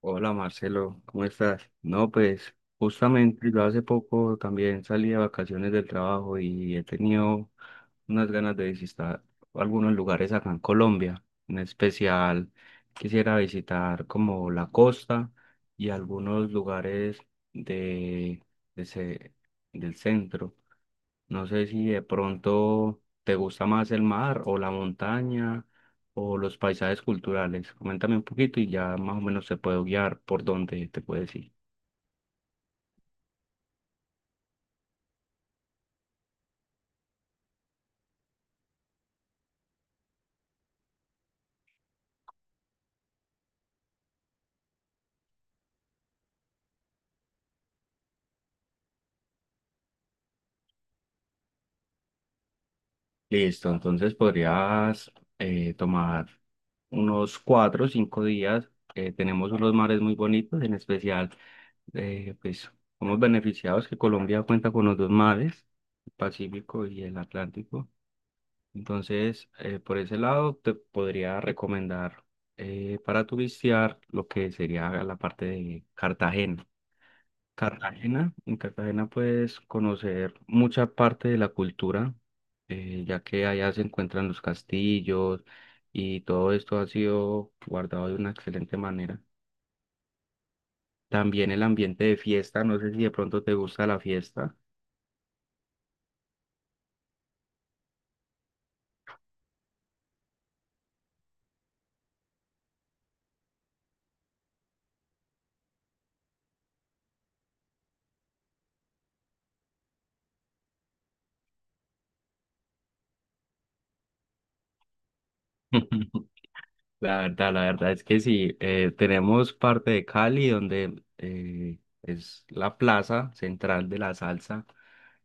Hola, Marcelo, ¿cómo estás? No, pues justamente yo hace poco también salí de vacaciones del trabajo y he tenido unas ganas de visitar algunos lugares acá en Colombia. En especial quisiera visitar como la costa y algunos lugares de, de ce- del centro. No sé si de pronto te gusta más el mar o la montaña o los paisajes culturales. Coméntame un poquito y ya más o menos te puedo guiar por dónde te puedes ir. Listo, entonces podrías tomar unos 4 o 5 días. Tenemos unos mares muy bonitos, en especial, pues somos beneficiados que Colombia cuenta con los dos mares, el Pacífico y el Atlántico. Entonces, por ese lado, te podría recomendar para turistear lo que sería la parte de Cartagena. Cartagena, en Cartagena puedes conocer mucha parte de la cultura, ya que allá se encuentran los castillos y todo esto ha sido guardado de una excelente manera. También el ambiente de fiesta, no sé si de pronto te gusta la fiesta. La verdad es que sí, tenemos parte de Cali donde es la plaza central de la salsa,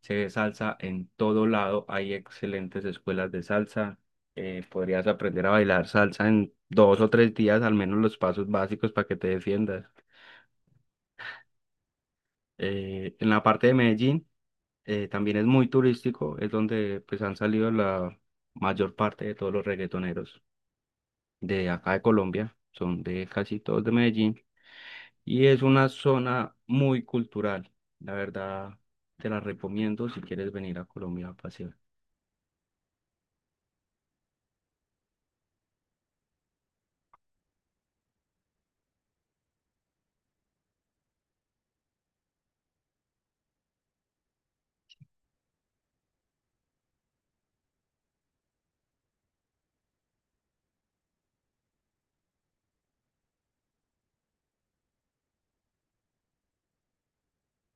se ve salsa en todo lado, hay excelentes escuelas de salsa, podrías aprender a bailar salsa en 2 o 3 días, al menos los pasos básicos para que te defiendas. En la parte de Medellín también es muy turístico, es donde pues han salido la mayor parte de todos los reggaetoneros de acá de Colombia, son de casi todos de Medellín. Y es una zona muy cultural. La verdad, te la recomiendo si quieres venir a Colombia a pasear.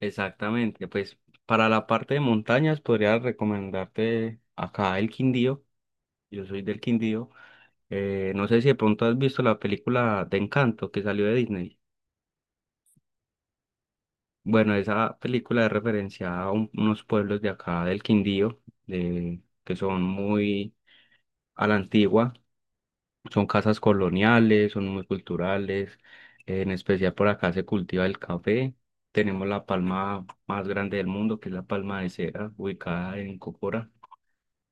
Exactamente, pues para la parte de montañas podría recomendarte acá el Quindío. Yo soy del Quindío. No sé si de pronto has visto la película de Encanto que salió de Disney. Bueno, esa película es referencia a unos pueblos de acá del Quindío, de, que son muy a la antigua. Son casas coloniales, son muy culturales, en especial por acá se cultiva el café. Tenemos la palma más grande del mundo, que es la palma de cera, ubicada en Cocora.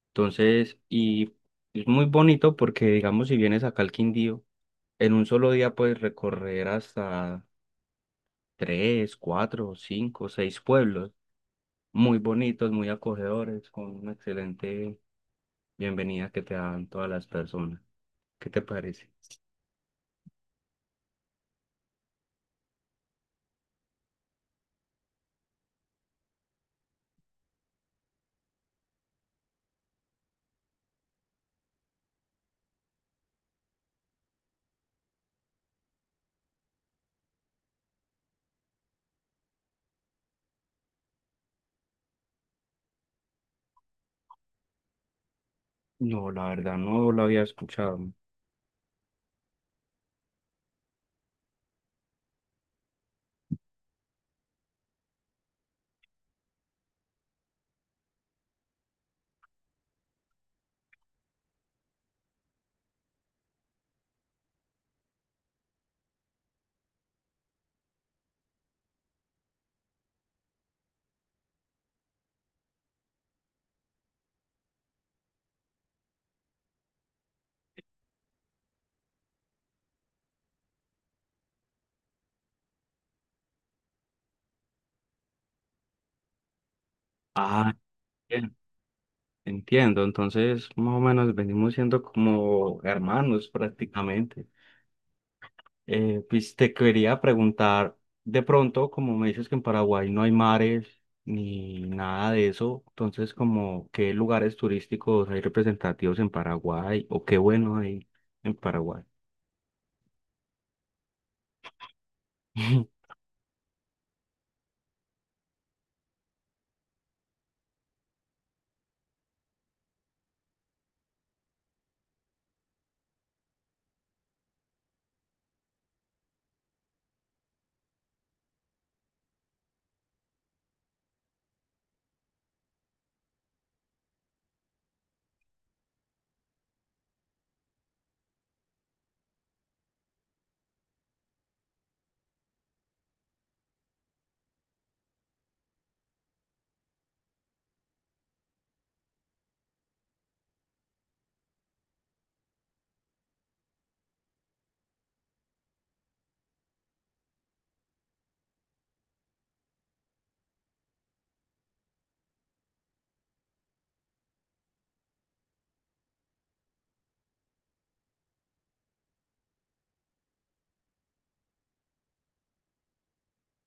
Entonces, y es muy bonito porque, digamos, si vienes acá al Quindío, en un solo día puedes recorrer hasta tres, cuatro, cinco, seis pueblos, muy bonitos, muy acogedores, con una excelente bienvenida que te dan todas las personas. ¿Qué te parece? No, la verdad no lo había escuchado. Ah, bien, entiendo. Entonces, más o menos venimos siendo como hermanos prácticamente. Pues te quería preguntar, de pronto, como me dices que en Paraguay no hay mares ni nada de eso, entonces, como qué lugares turísticos hay representativos en Paraguay o qué bueno hay en Paraguay.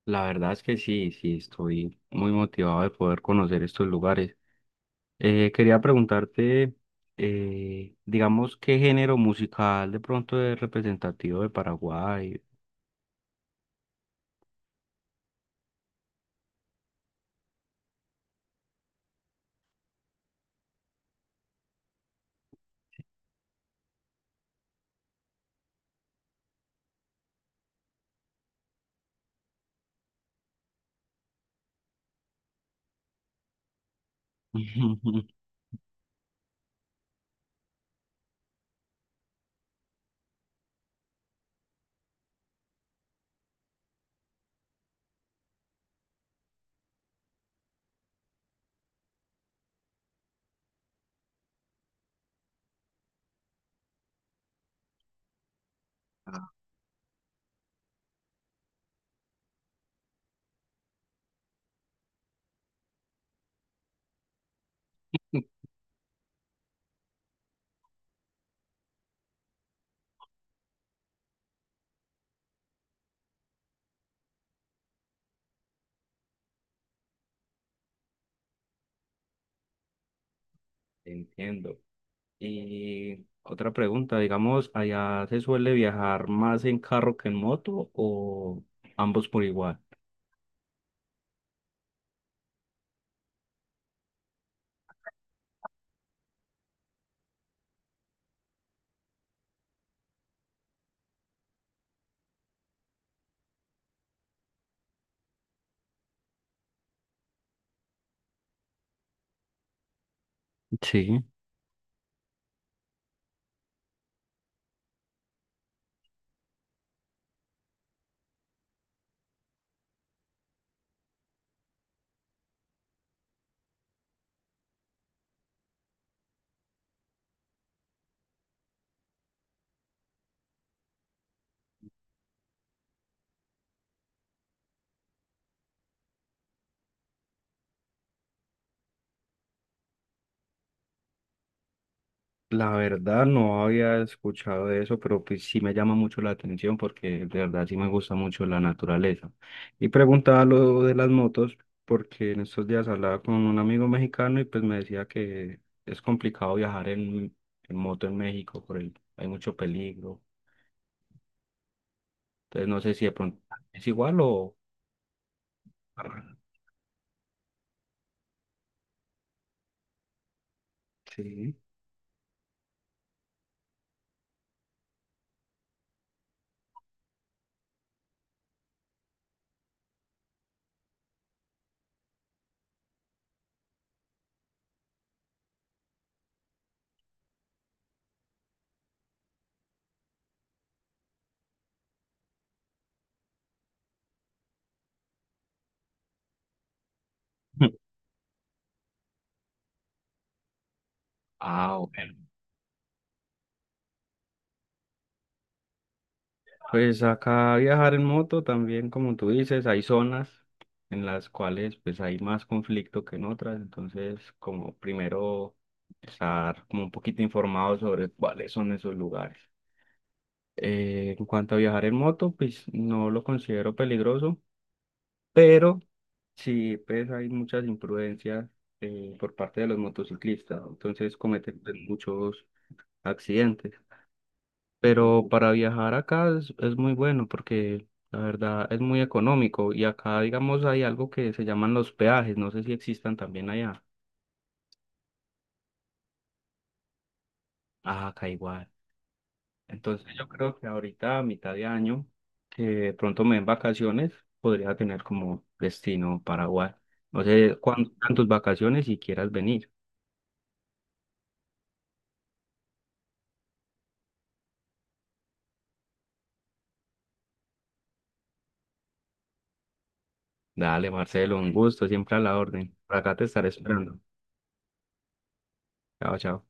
La verdad es que sí, sí, estoy muy motivado de poder conocer estos lugares. Quería preguntarte, digamos, ¿qué género musical de pronto es representativo de Paraguay? Ujú. Entiendo. Y otra pregunta, digamos, ¿allá se suele viajar más en carro que en moto o ambos por igual? Sí. La verdad no había escuchado de eso, pero pues sí me llama mucho la atención porque de verdad sí me gusta mucho la naturaleza. Y preguntaba lo de las motos porque en estos días hablaba con un amigo mexicano y pues me decía que es complicado viajar en moto en México, por el, hay mucho peligro. Entonces no sé si de pronto es igual o... Sí. Ah, ok. Pues acá viajar en moto también, como tú dices, hay zonas en las cuales pues hay más conflicto que en otras, entonces como primero estar como un poquito informado sobre cuáles son esos lugares. En cuanto a viajar en moto, pues no lo considero peligroso, pero sí pues hay muchas imprudencias por parte de los motociclistas, entonces cometen pues, muchos accidentes. Pero para viajar acá es muy bueno porque la verdad es muy económico y acá, digamos, hay algo que se llaman los peajes, no sé si existan también allá. Ah, acá igual. Entonces yo creo que ahorita a mitad de año, que de pronto me den vacaciones, podría tener como destino Paraguay. No sé cuántas tus vacaciones si quieras venir. Dale, Marcelo, un gusto, siempre a la orden. Por acá te estaré esperando. Chao, chao.